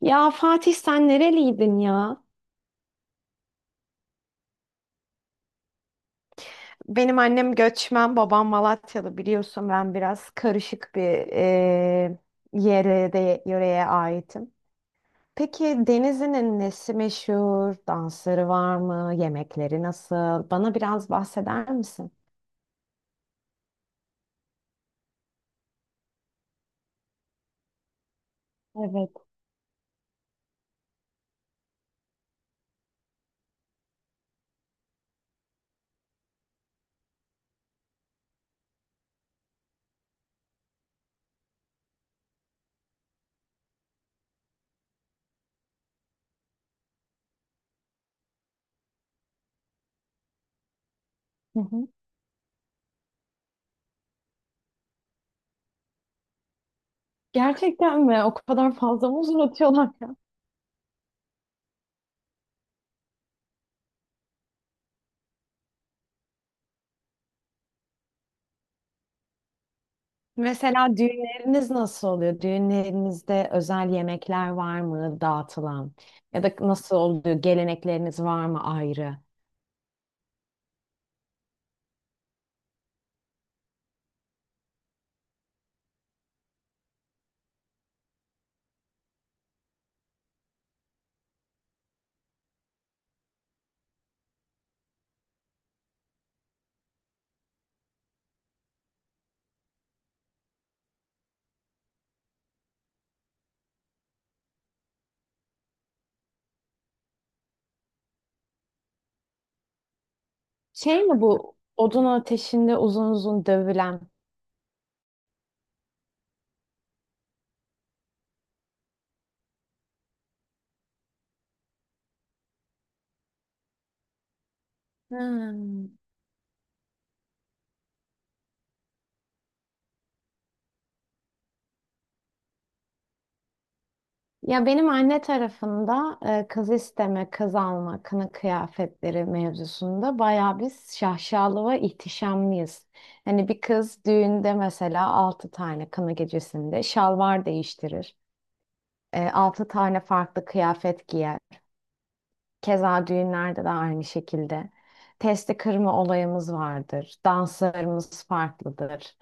Ya Fatih sen nereliydin ya? Benim annem göçmen, babam Malatyalı biliyorsun ben biraz karışık bir yere de yöreye aitim. Peki Denizli'nin nesi meşhur? Dansları var mı? Yemekleri nasıl? Bana biraz bahseder misin? Evet. Hı hı. Gerçekten mi? O kadar fazla mı uzatıyorlar ya? Mesela düğünleriniz nasıl oluyor? Düğünlerinizde özel yemekler var mı dağıtılan? Ya da nasıl oluyor? Gelenekleriniz var mı ayrı? Şey mi bu odun ateşinde uzun uzun dövülen? Hmm. Ya benim anne tarafında kız isteme, kız alma, kına kıyafetleri mevzusunda bayağı biz şaşalı ve ihtişamlıyız. Hani bir kız düğünde mesela altı tane kına gecesinde şalvar değiştirir. Altı tane farklı kıyafet giyer. Keza düğünlerde de aynı şekilde. Testi kırma olayımız vardır. Danslarımız farklıdır.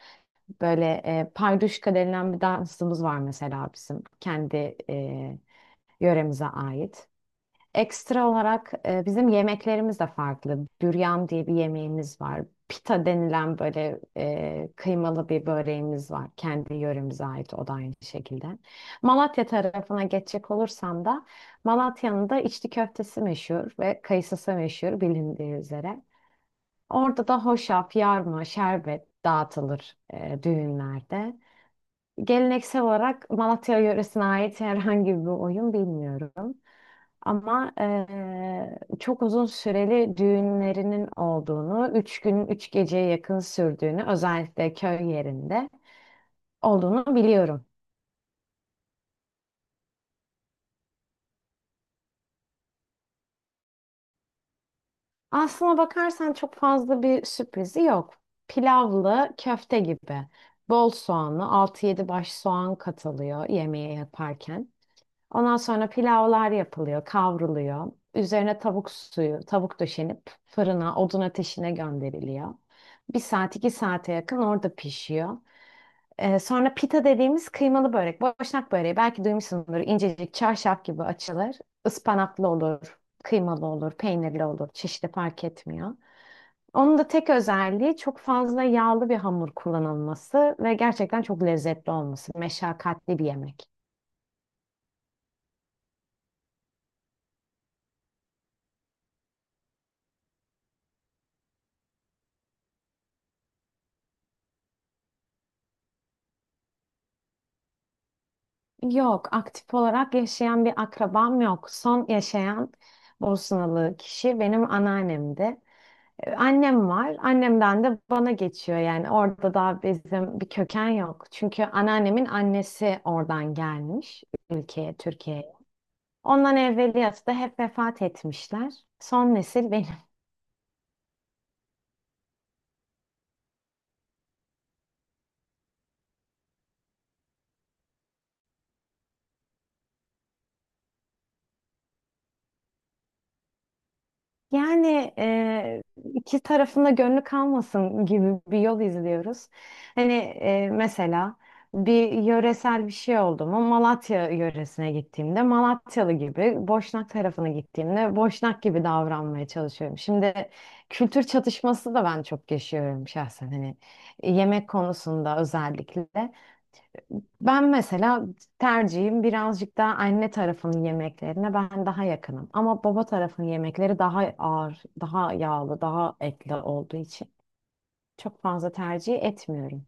Böyle payduşka denilen bir dansımız var mesela bizim. Kendi yöremize ait. Ekstra olarak bizim yemeklerimiz de farklı. Büryan diye bir yemeğimiz var. Pita denilen böyle kıymalı bir böreğimiz var. Kendi yöremize ait o da aynı şekilde. Malatya tarafına geçecek olursam da Malatya'nın da içli köftesi meşhur ve kayısısı meşhur bilindiği üzere. Orada da hoşaf, yarma, şerbet dağıtılır düğünlerde. Geleneksel olarak Malatya yöresine ait herhangi bir oyun bilmiyorum. Ama çok uzun süreli düğünlerinin olduğunu, üç gün üç geceye yakın sürdüğünü, özellikle köy yerinde olduğunu biliyorum. Aslına bakarsan çok fazla bir sürprizi yok. Pilavlı köfte gibi. Bol soğanlı, altı yedi baş soğan katılıyor yemeğe yaparken. Ondan sonra pilavlar yapılıyor, kavruluyor. Üzerine tavuk suyu, tavuk döşenip fırına, odun ateşine gönderiliyor. Bir saat iki saate yakın orada pişiyor. Sonra pita dediğimiz kıymalı börek. Boşnak böreği belki duymuşsundur. İncecik çarşaf gibi açılır. Ispanaklı olur, kıymalı olur, peynirli olur. Çeşitli fark etmiyor. Onun da tek özelliği çok fazla yağlı bir hamur kullanılması ve gerçekten çok lezzetli olması. Meşakkatli bir yemek. Yok, aktif olarak yaşayan bir akrabam yok. Son yaşayan Bosnalı kişi benim anneannemdi. Annem var. Annemden de bana geçiyor yani. Orada da bizim bir köken yok. Çünkü anneannemin annesi oradan gelmiş ülkeye, Türkiye'ye. Ondan evveliyatı da hep vefat etmişler. Son nesil benim. Yani iki tarafında gönlü kalmasın gibi bir yol izliyoruz. Hani mesela bir yöresel bir şey oldu mu Malatya yöresine gittiğimde Malatyalı gibi, Boşnak tarafına gittiğimde Boşnak gibi davranmaya çalışıyorum. Şimdi kültür çatışması da ben çok yaşıyorum şahsen hani yemek konusunda özellikle. Ben mesela tercihim birazcık daha anne tarafının yemeklerine ben daha yakınım. Ama baba tarafının yemekleri daha ağır, daha yağlı, daha etli olduğu için çok fazla tercih etmiyorum.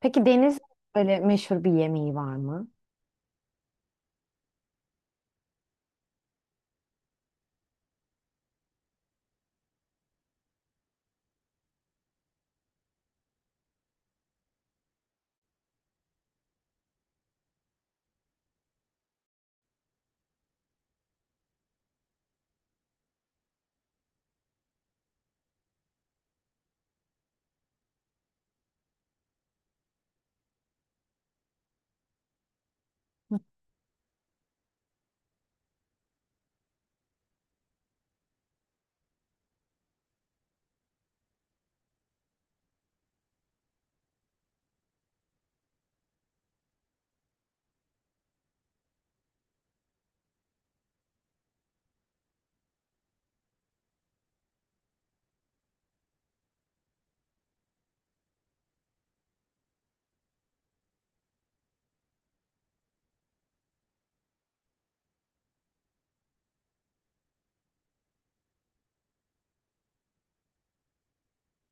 Peki Deniz böyle meşhur bir yemeği var mı?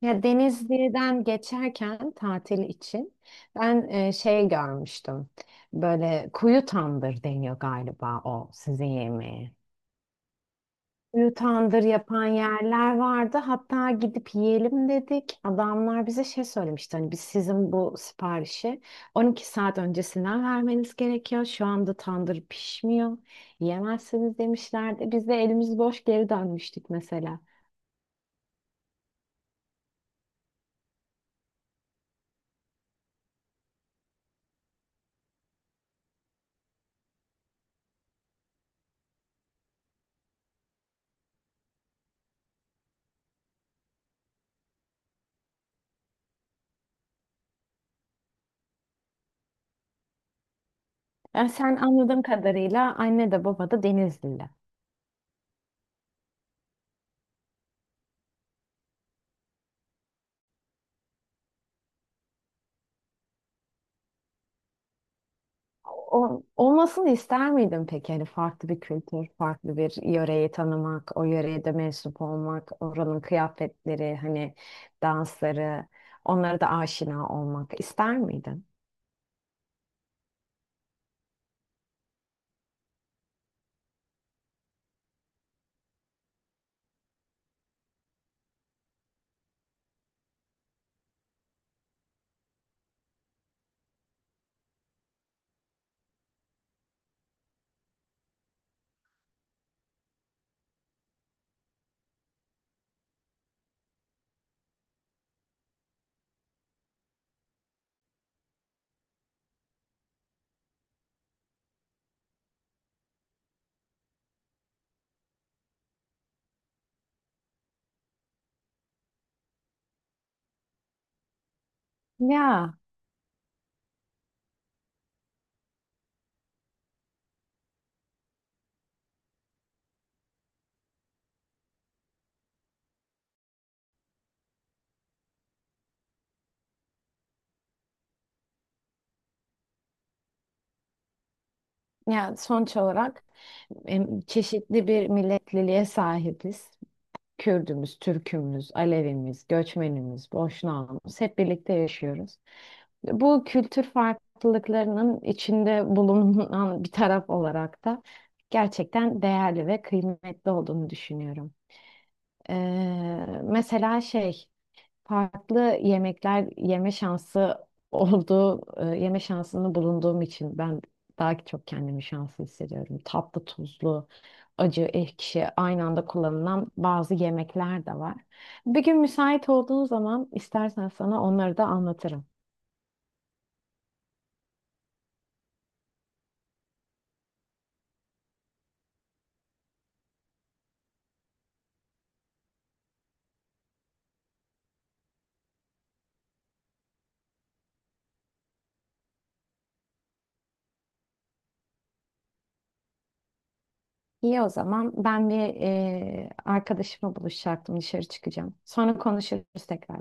Ya Denizli'den geçerken tatil için ben şey görmüştüm. Böyle kuyu tandır deniyor galiba o sizin yemeğe. Ünlü tandır yapan yerler vardı. Hatta gidip yiyelim dedik. Adamlar bize şey söylemişti. Hani biz sizin bu siparişi 12 saat öncesinden vermeniz gerekiyor. Şu anda tandır pişmiyor. Yiyemezsiniz demişlerdi. Biz de elimiz boş geri dönmüştük mesela. Yani sen anladığım kadarıyla anne de baba da Denizlili. O, olmasını ister miydin peki? Hani farklı bir kültür, farklı bir yöreyi tanımak, o yöreye de mensup olmak, oranın kıyafetleri, hani dansları, onlara da aşina olmak ister miydin? Ya, ya sonuç olarak çeşitli bir milletliliğe sahibiz. Kürdümüz, Türkümüz, Alevimiz, göçmenimiz, Boşnağımız hep birlikte yaşıyoruz. Bu kültür farklılıklarının içinde bulunan bir taraf olarak da gerçekten değerli ve kıymetli olduğunu düşünüyorum. Mesela şey farklı yemekler yeme şansı olduğu yeme şansını bulunduğum için ben daha çok kendimi şanslı hissediyorum. Tatlı, tuzlu, acı, ekşi aynı anda kullanılan bazı yemekler de var. Bir gün müsait olduğun zaman istersen sana onları da anlatırım. İyi o zaman. Ben bir arkadaşımla buluşacaktım. Dışarı çıkacağım. Sonra konuşuruz tekrar.